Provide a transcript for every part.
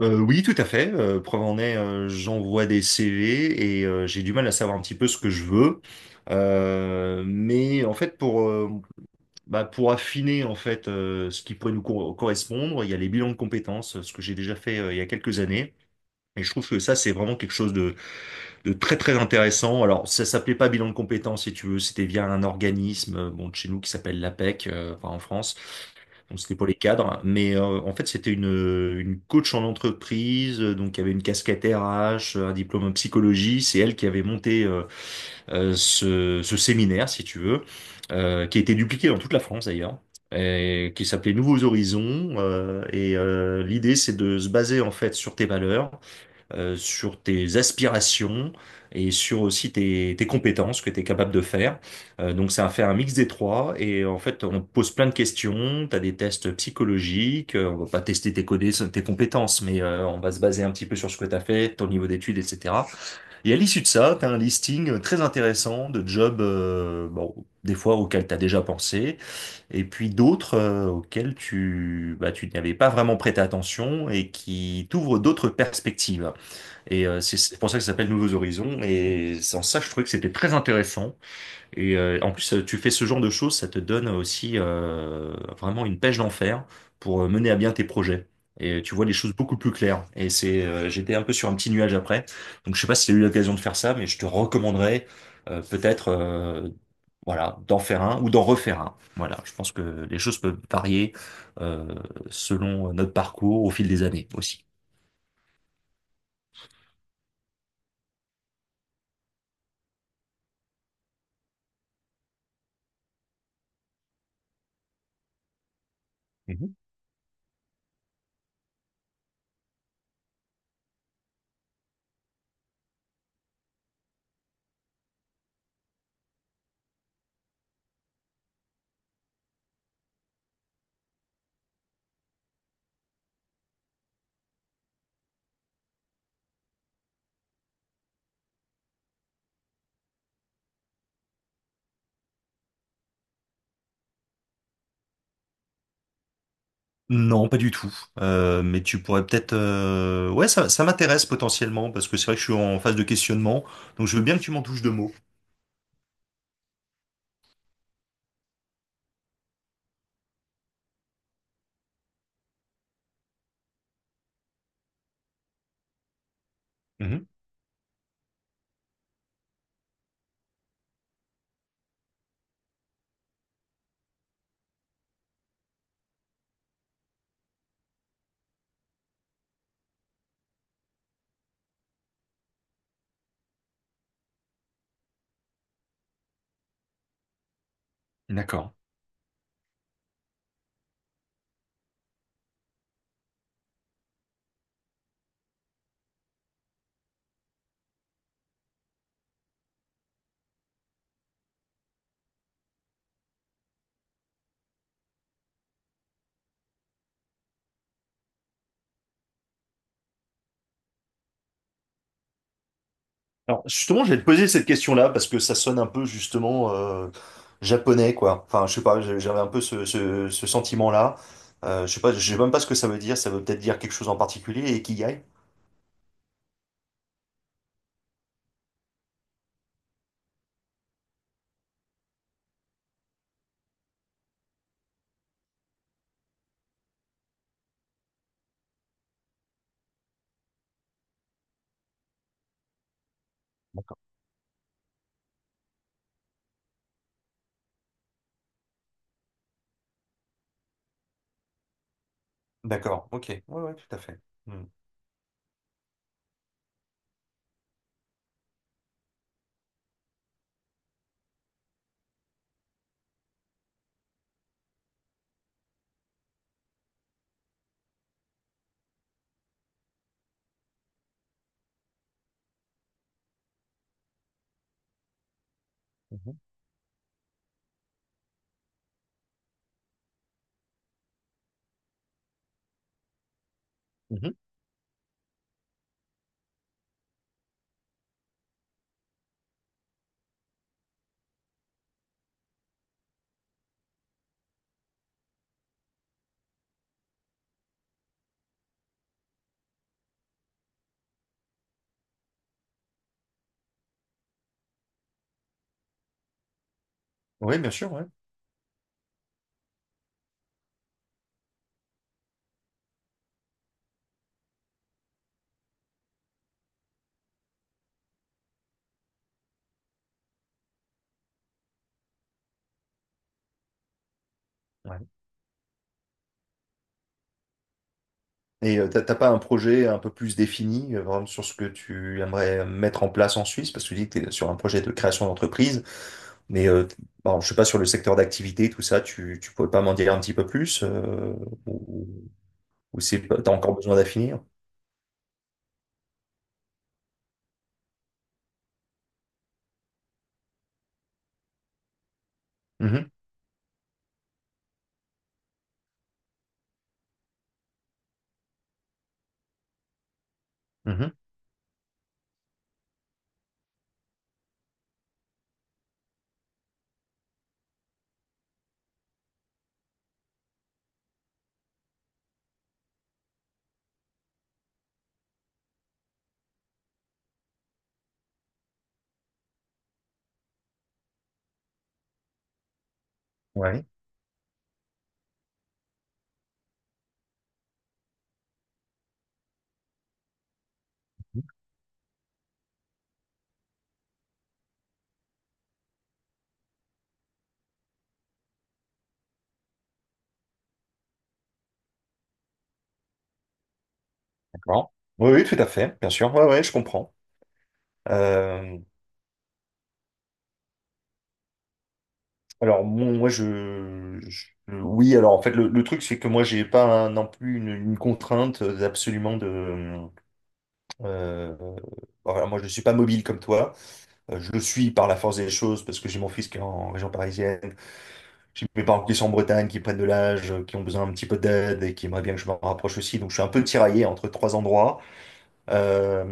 Oui, tout à fait. Preuve en est, j'envoie des CV et j'ai du mal à savoir un petit peu ce que je veux. Mais en fait, pour affiner en fait, ce qui pourrait nous correspondre, il y a les bilans de compétences, ce que j'ai déjà fait il y a quelques années. Et je trouve que ça, c'est vraiment quelque chose de très très intéressant. Alors, ça s'appelait pas bilan de compétences, si tu veux, c'était via un organisme, bon, de chez nous qui s'appelle l'APEC, enfin, en France. Donc, c'était pour les cadres, mais en fait c'était une coach en entreprise, donc il y avait une casquette RH, un diplôme en psychologie, c'est elle qui avait monté ce séminaire, si tu veux, qui a été dupliqué dans toute la France d'ailleurs, et qui s'appelait Nouveaux Horizons. Et l'idée c'est de se baser en fait sur tes valeurs, sur tes aspirations et sur aussi tes compétences que tu es capable de faire. Donc c'est a faire un mix des trois et en fait on te pose plein de questions, tu as des tests psychologiques, on va pas tester tes codés, tes compétences, mais on va se baser un petit peu sur ce que tu as fait, ton niveau d'études, etc. Et à l'issue de ça, tu as un listing très intéressant de jobs, bon, des fois auxquels tu as déjà pensé, et puis d'autres auxquels tu n'avais pas vraiment prêté attention et qui t'ouvrent d'autres perspectives. Et c'est pour ça que ça s'appelle Nouveaux Horizons. Et c'est en ça, je trouvais que c'était très intéressant. Et en plus, tu fais ce genre de choses, ça te donne aussi vraiment une pêche d'enfer pour mener à bien tes projets. Et tu vois les choses beaucoup plus claires. J'étais un peu sur un petit nuage après. Donc je sais pas si tu as eu l'occasion de faire ça, mais je te recommanderais peut-être, voilà, d'en faire un ou d'en refaire un. Voilà, je pense que les choses peuvent varier euh, selon notre parcours au fil des années aussi. Non, pas du tout. Mais tu pourrais peut-être, ouais, ça m'intéresse potentiellement, parce que c'est vrai que je suis en phase de questionnement, donc je veux bien que tu m'en touches deux mots. Mhm. D'accord. Alors justement, je vais te poser cette question-là, parce que ça sonne un peu justement japonais, quoi. Enfin, je sais pas, j'avais un peu ce sentiment-là. Je sais pas, je sais même pas ce que ça veut dire, ça veut peut-être dire quelque chose en particulier, et qu'il y aille. D'accord. D'accord, ok. Ouais, ouais, tout à fait. Hmm. Mhm. Mhm. Oui, bien sûr, ouais. Ouais. Et t'as pas un projet un peu plus défini, vraiment sur ce que tu aimerais mettre en place en Suisse? Parce que tu dis que tu es sur un projet de création d'entreprise, mais bon, je sais pas sur le secteur d'activité, tout ça, tu pourrais pas m'en dire un petit peu plus, ou, ou c'est, pas- t'as encore besoin d'affinir? Mhm, mhm, ouais, d'accord. Oui, oui, tout à fait, bien sûr. Ouais, ouais, je comprends. Euh, alors, moi, oui, alors en fait, le truc, c'est que moi, j'ai pas un- non plus une contrainte absolument de bon, voilà, moi, je ne suis pas mobile comme toi. Je le suis par la force des choses parce que j'ai mon fils qui est en région parisienne. J'ai mes parents qui sont en Bretagne, qui prennent de l'âge, qui ont besoin un petit peu d'aide et qui aimeraient bien que je m'en rapproche aussi. Donc, je suis un peu tiraillé entre trois endroits.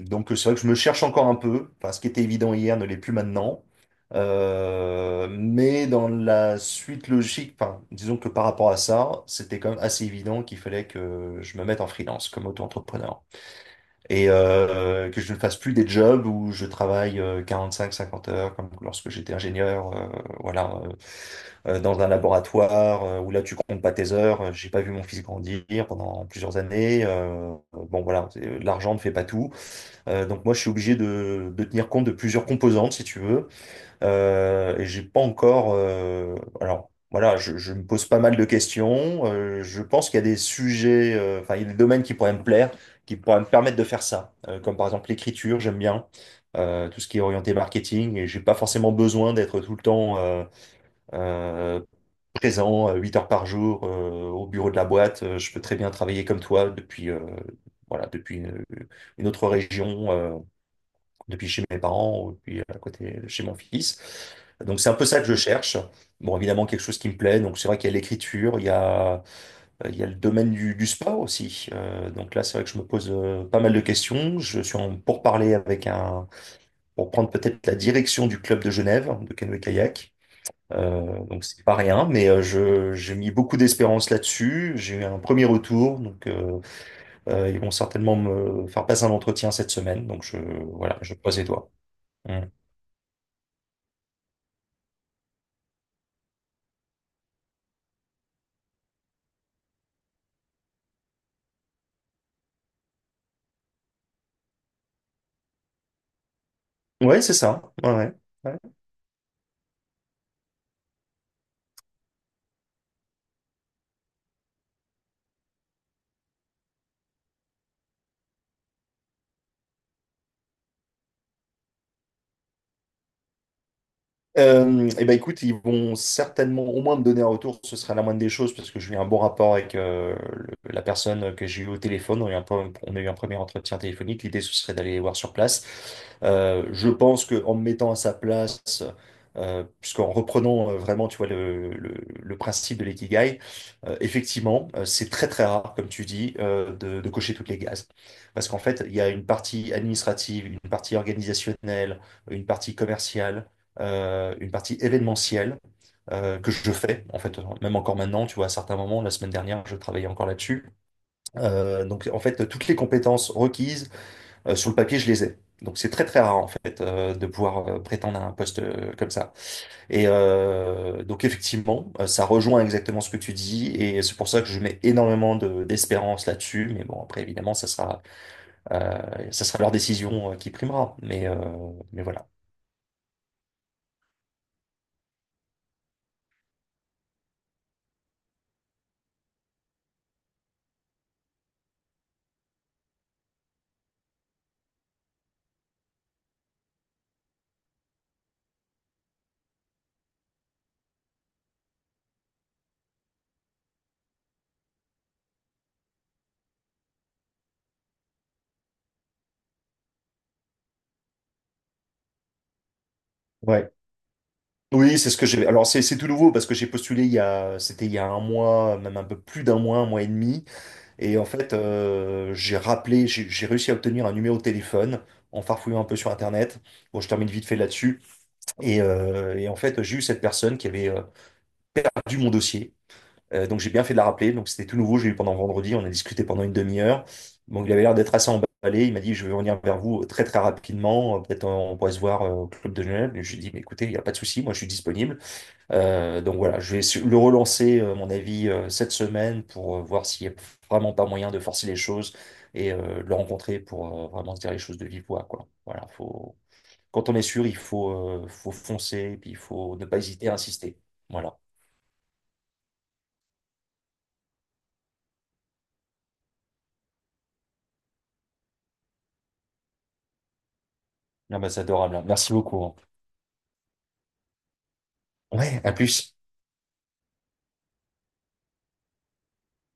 Donc, c'est vrai que je me cherche encore un peu. Enfin, ce qui était évident hier ne l'est plus maintenant. Mais dans la suite logique, enfin, disons que par rapport à ça, c'était quand même assez évident qu'il fallait que je me mette en freelance comme auto-entrepreneur et que je ne fasse plus des jobs où je travaille 45-50 heures comme lorsque j'étais ingénieur, voilà, dans un laboratoire où là tu comptes pas tes heures. J'ai pas vu mon fils grandir pendant plusieurs années. Bon, voilà, l'argent ne fait pas tout. Donc moi je suis obligé de tenir compte de plusieurs composantes si tu veux. Et j'ai pas encore. Alors voilà, je me pose pas mal de questions. Je pense qu'il y a des sujets, enfin il y a des domaines qui pourraient me plaire, qui pourraient me permettre de faire ça. Comme par exemple l'écriture, j'aime bien. Tout ce qui est orienté marketing et j'ai pas forcément besoin d'être tout le temps euh, présent 8 heures par jour au bureau de la boîte. Je peux très bien travailler comme toi depuis, voilà, depuis une autre région. Depuis chez mes parents ou depuis à côté de chez mon fils. Donc c'est un peu ça que je cherche. Bon, évidemment, quelque chose qui me plaît. Donc c'est vrai qu'il y a l'écriture, il y a le domaine du sport aussi. Donc là, c'est vrai que je me pose pas mal de questions. Je suis en pourparlers avec un, pour prendre peut-être la direction du club de Genève, de canoë-kayak. Donc c'est pas rien, mais j'ai mis beaucoup d'espérance là-dessus. J'ai eu un premier retour, donc ils vont certainement me faire passer un entretien cette semaine. Voilà, je croise les doigts. Mmh. Ouais, c'est ça. Ouais, ouais. Ouais. Eh ben écoute, ils vont certainement au moins me donner un retour, ce sera la moindre des choses, parce que j'ai eu un bon rapport avec la personne que j'ai eu au téléphone. On a eu un premier entretien téléphonique. L'idée, ce serait d'aller les voir sur place. Je pense que en me mettant à sa place, puisqu'en reprenant vraiment, tu vois, le principe de l'ikigai, effectivement, c'est très très rare, comme tu dis, de cocher toutes les cases. Parce qu'en fait, il y a une partie administrative, une partie organisationnelle, une partie commerciale, une partie événementielle, que je fais, en fait, même encore maintenant, tu vois, à certains moments, la semaine dernière, je travaillais encore là-dessus. Donc, en fait, toutes les compétences requises sur le papier, je les ai. Donc, c'est très, très rare, en fait, de pouvoir prétendre à un poste comme ça. Et donc, effectivement, ça rejoint exactement ce que tu dis, et c'est pour ça que je mets énormément d'espérance là-dessus. Mais bon, après, évidemment, ça sera leur décision qui primera. Mais voilà. Ouais. Oui, c'est ce que j'ai. Alors c'est tout nouveau parce que j'ai postulé, c'était il y a un mois, même un peu plus d'un mois, un mois et demi. Et en fait, j'ai rappelé, j'ai réussi à obtenir un numéro de téléphone en farfouillant un peu sur Internet. Bon, je termine vite fait là-dessus. Et en fait, j'ai eu cette personne qui avait perdu mon dossier. Donc j'ai bien fait de la rappeler. Donc c'était tout nouveau. J'ai eu pendant vendredi. On a discuté pendant une demi-heure. Donc il avait l'air d'être assez emballé. Il m'a dit, je vais revenir vers vous très très rapidement. Peut-être on pourrait se voir au club de Genève. Et je lui ai dit, mais écoutez, il n'y a pas de souci. Moi, je suis disponible. Donc voilà, je vais le relancer, à mon avis, cette semaine pour voir s'il n'y a vraiment pas moyen de forcer les choses et de le rencontrer pour vraiment se dire les choses de vive voix, quoi. Voilà, Quand on est sûr, il faut foncer et puis il faut ne pas hésiter à insister. Voilà. Non, bah, c'est adorable, hein. Merci beaucoup, hein. Ouais, à plus.